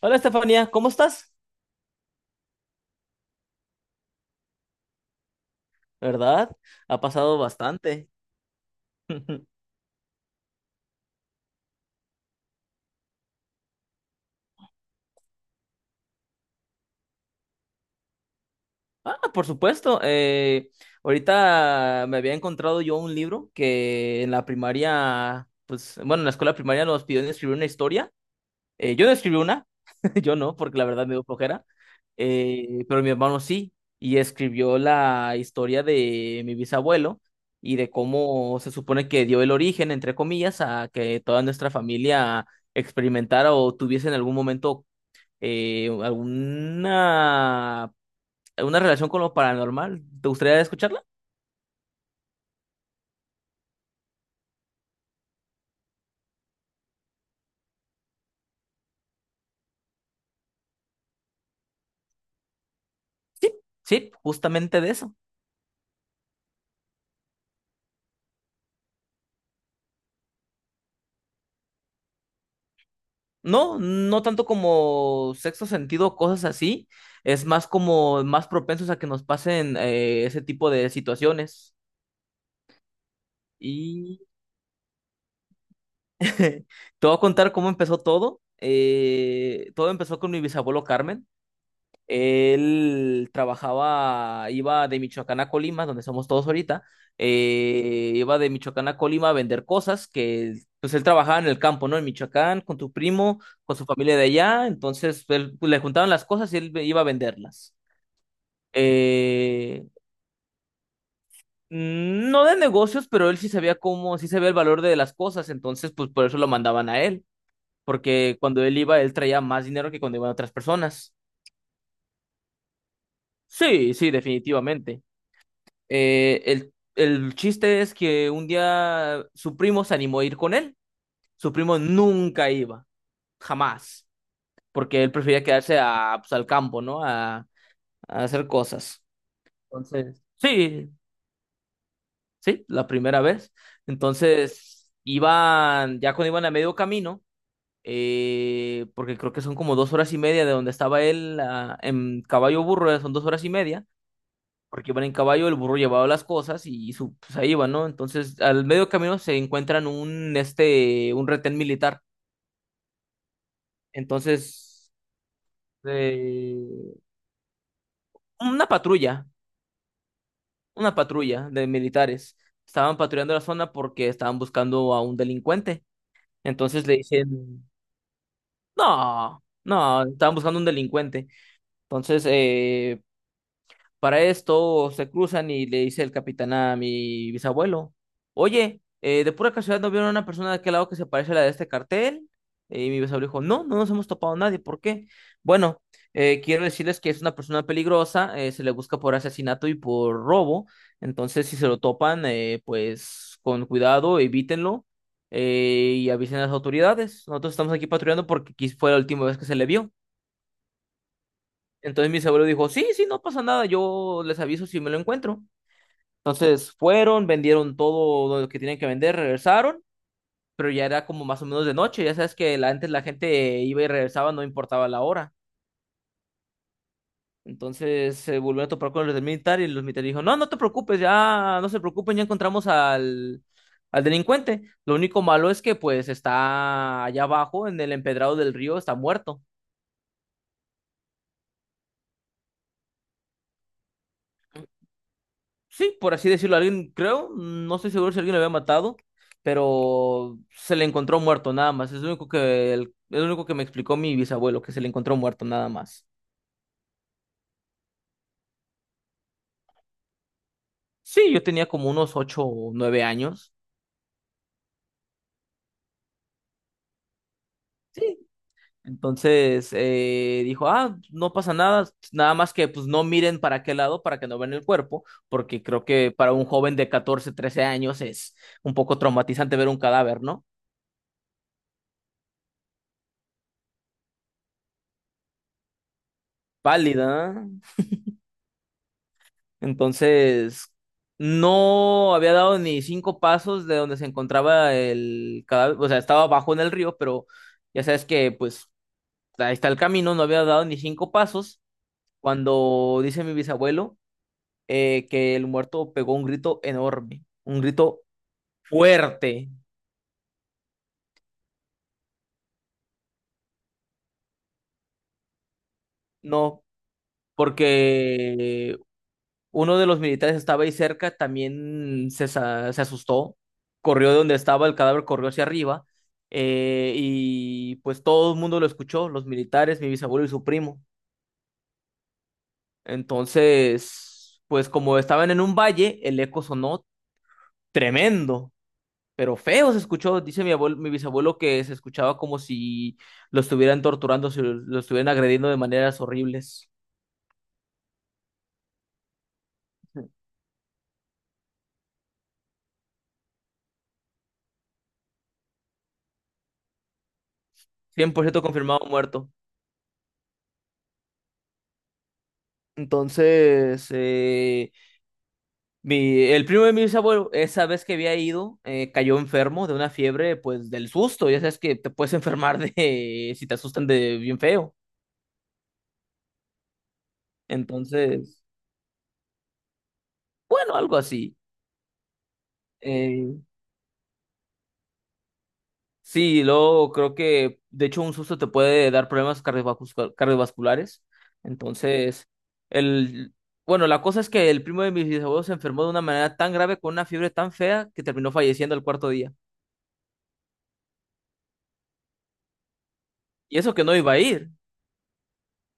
Hola Estefanía, ¿cómo estás? ¿Verdad? Ha pasado bastante. Ah, por supuesto. Ahorita me había encontrado yo un libro que en la primaria, pues bueno, en la escuela primaria nos pidieron escribir una historia. Yo no escribí una, yo no, porque la verdad me dio flojera. Pero mi hermano sí, y escribió la historia de mi bisabuelo y de cómo se supone que dio el origen, entre comillas, a que toda nuestra familia experimentara o tuviese en algún momento eh, alguna, alguna relación con lo paranormal. ¿Te gustaría escucharla? Sí, sí, justamente de eso. No, no tanto como sexto sentido o cosas así, es más como más propensos a que nos pasen ese tipo de situaciones. Y te voy a contar cómo empezó todo. Todo empezó con mi bisabuelo Carmen. Él trabajaba, iba de Michoacán a Colima, donde somos todos ahorita, iba de Michoacán a Colima a vender cosas que, pues él trabajaba en el campo, ¿no? En Michoacán, con tu primo, con su familia de allá, entonces él, pues, le juntaban las cosas y él iba a venderlas. Eh, no de negocios, pero él sí sabía cómo, sí sabía el valor de las cosas, entonces pues por eso lo mandaban a él, porque cuando él iba, él traía más dinero que cuando iban otras personas. Sí, sí, definitivamente. El chiste es que un día su primo se animó a ir con él. Su primo nunca iba, jamás, porque él prefería quedarse a, pues, al campo, ¿no? A hacer cosas. Entonces, sí, sí, la primera vez. Entonces, iban, ya cuando iban a medio camino, porque creo que son como 2 horas y media de donde estaba él en caballo burro, son 2 horas y media. Porque iban en caballo, el burro llevaba las cosas y su, pues ahí iban, ¿no? Entonces, al medio camino se encuentran un retén militar. Entonces, eh, una patrulla, una patrulla de militares. Estaban patrullando la zona porque estaban buscando a un delincuente. Entonces le dicen, no, no, estaban buscando un delincuente. Entonces, para esto se cruzan y le dice el capitán a mi bisabuelo, oye, de pura casualidad no vieron a una persona de aquel lado que se parece a la de este cartel. Y mi bisabuelo dijo, no, no nos hemos topado a nadie, ¿por qué? Bueno, quiero decirles que es una persona peligrosa, se le busca por asesinato y por robo, entonces si se lo topan, pues con cuidado, evítenlo y avisen a las autoridades. Nosotros estamos aquí patrullando porque fue la última vez que se le vio. Entonces mi bisabuelo dijo, sí, sí, no pasa nada, yo les aviso si me lo encuentro. Entonces fueron, vendieron todo lo que tenían que vender, regresaron, pero ya era como más o menos de noche. Ya sabes que antes la gente iba y regresaba, no importaba la hora. Entonces se volvieron a topar con los del militar y los militares dijo, no, no te preocupes, ya no se preocupen, ya encontramos al delincuente. Lo único malo es que pues está allá abajo en el empedrado del río, está muerto. Sí, por así decirlo, alguien, creo, no estoy seguro si alguien lo había matado, pero se le encontró muerto nada más. Es lo único que, el, es lo único que me explicó mi bisabuelo, que se le encontró muerto nada más. Sí, yo tenía como unos 8 o 9 años. Sí. Entonces dijo, ah, no pasa nada, nada más que pues no miren para qué lado para que no vean el cuerpo, porque creo que para un joven de 14 13 años es un poco traumatizante ver un cadáver, ¿no? Pálida, entonces, no había dado ni 5 pasos de donde se encontraba el cadáver, o sea, estaba abajo en el río, pero ya sabes que pues ahí está el camino, no había dado ni 5 pasos cuando dice mi bisabuelo que el muerto pegó un grito enorme, un grito fuerte, ¿no? Porque uno de los militares estaba ahí cerca, también se asustó, corrió de donde estaba el cadáver, corrió hacia arriba, y pues todo el mundo lo escuchó, los militares, mi bisabuelo y su primo. Entonces, pues como estaban en un valle, el eco sonó tremendo, pero feo se escuchó, dice mi abuelo, mi bisabuelo que se escuchaba como si lo estuvieran torturando, si lo estuvieran agrediendo de maneras horribles. 100% confirmado muerto. Entonces, mi, el primo de mis abuelos, esa vez que había ido, cayó enfermo de una fiebre, pues del susto. Ya sabes que te puedes enfermar de si te asustan de bien feo. Entonces, bueno, algo así. Eh, sí, luego creo que, de hecho, un susto te puede dar problemas cardiovasculares. Entonces, el, bueno, la cosa es que el primo de mis abuelos se enfermó de una manera tan grave con una fiebre tan fea que terminó falleciendo el cuarto día. Y eso que no iba a ir.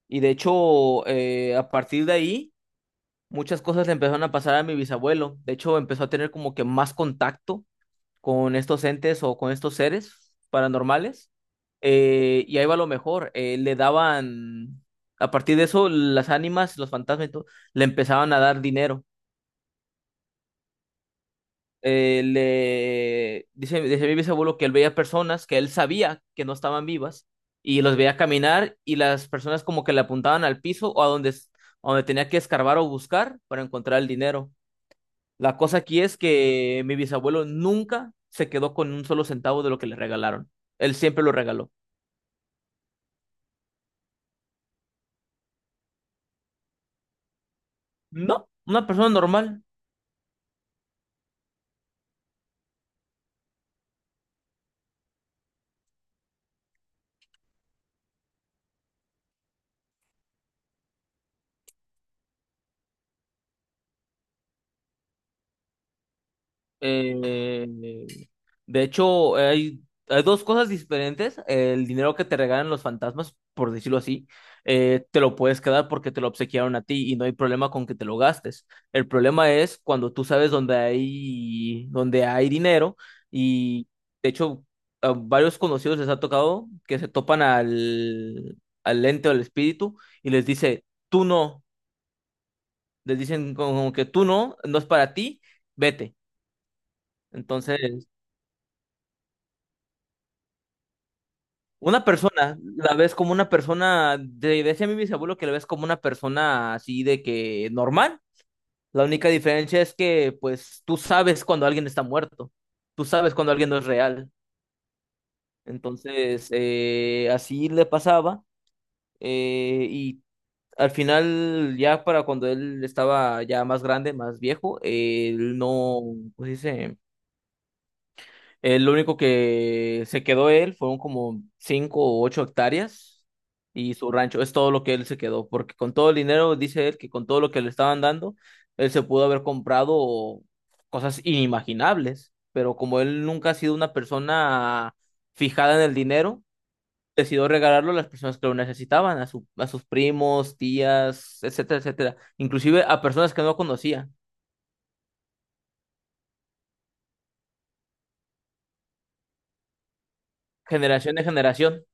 Y de hecho, a partir de ahí muchas cosas le empezaron a pasar a mi bisabuelo. De hecho, empezó a tener como que más contacto con estos entes o con estos seres paranormales. Y ahí va lo mejor. Le daban, a partir de eso, las ánimas, los fantasmas y todo, le empezaban a dar dinero. Le dice, dice mi bisabuelo que él veía personas que él sabía que no estaban vivas y los veía caminar y las personas como que le apuntaban al piso o a donde tenía que escarbar o buscar para encontrar el dinero. La cosa aquí es que mi bisabuelo nunca se quedó con un solo centavo de lo que le regalaron. Él siempre lo regaló. No, una persona normal. Eh, De hecho, hay dos cosas diferentes. El dinero que te regalan los fantasmas, por decirlo así, te lo puedes quedar porque te lo obsequiaron a ti y no hay problema con que te lo gastes. El problema es cuando tú sabes dónde hay dinero y, de hecho, a varios conocidos les ha tocado que se topan al ente o al espíritu y les dice, tú no, les dicen como que tú no, no es para ti, vete. Entonces... Una persona, la ves como una persona, decía a mí mi abuelo que la ves como una persona así de que normal. La única diferencia es que pues tú sabes cuando alguien está muerto, tú sabes cuando alguien no es real. Entonces, así le pasaba. Y al final, ya para cuando él estaba ya más grande, más viejo, él no, pues dice? Lo único que se quedó él fueron como 5 o 8 hectáreas y su rancho. Es todo lo que él se quedó, porque con todo el dinero, dice él, que con todo lo que le estaban dando, él se pudo haber comprado cosas inimaginables. Pero como él nunca ha sido una persona fijada en el dinero, decidió regalarlo a las personas que lo necesitaban, a su, a sus primos, tías, etcétera, etcétera. Inclusive a personas que no conocía, generación.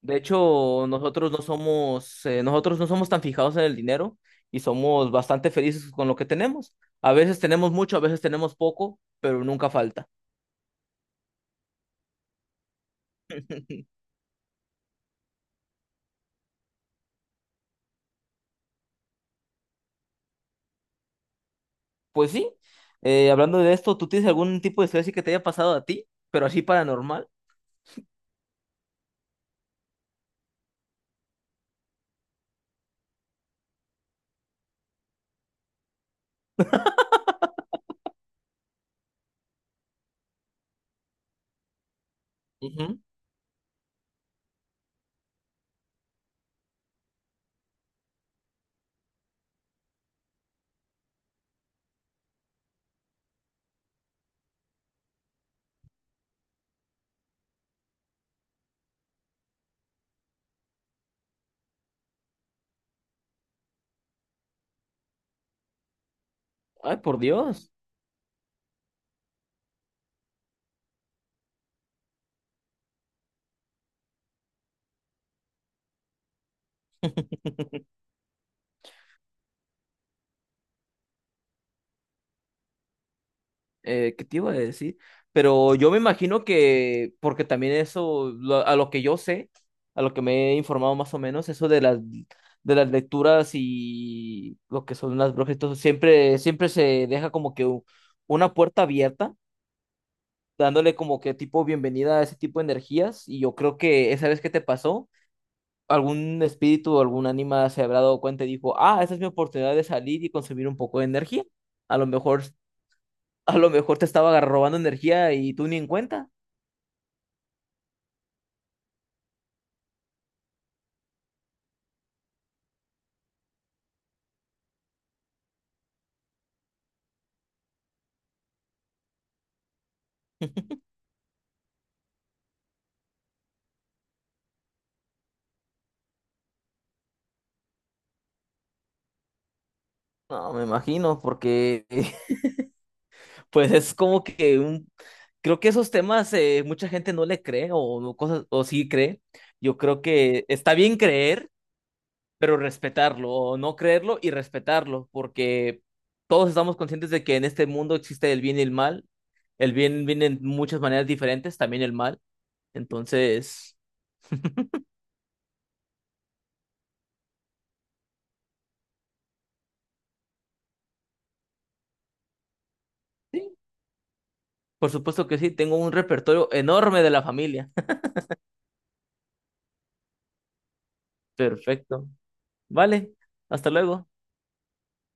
De hecho, nosotros no somos tan fijados en el dinero y somos bastante felices con lo que tenemos. A veces tenemos mucho, a veces tenemos poco, pero nunca falta. Pues sí, hablando de esto, ¿tú tienes algún tipo de historia así que te haya pasado a ti, pero así paranormal? Ujú. Ay, por Dios. ¿Qué te iba a decir? Pero yo me imagino que, porque también eso, a lo que yo sé, a lo que me he informado más o menos, eso de las lecturas y lo que son las brujas, y todo, siempre, siempre se deja como que una puerta abierta, dándole como que tipo bienvenida a ese tipo de energías. Y yo creo que esa vez que te pasó, algún espíritu o algún ánima se habrá dado cuenta y dijo, ah, esa es mi oportunidad de salir y consumir un poco de energía. A lo mejor a lo mejor te estaba robando energía y tú ni en cuenta. No, me imagino, porque pues es como que un... Creo que esos temas mucha gente no le cree o no cosas o sí cree. Yo creo que está bien creer, pero respetarlo o no creerlo y respetarlo, porque todos estamos conscientes de que en este mundo existe el bien y el mal. El bien viene en muchas maneras diferentes, también el mal. Entonces, sí, por supuesto que sí, tengo un repertorio enorme de la familia. Perfecto. Vale, hasta luego.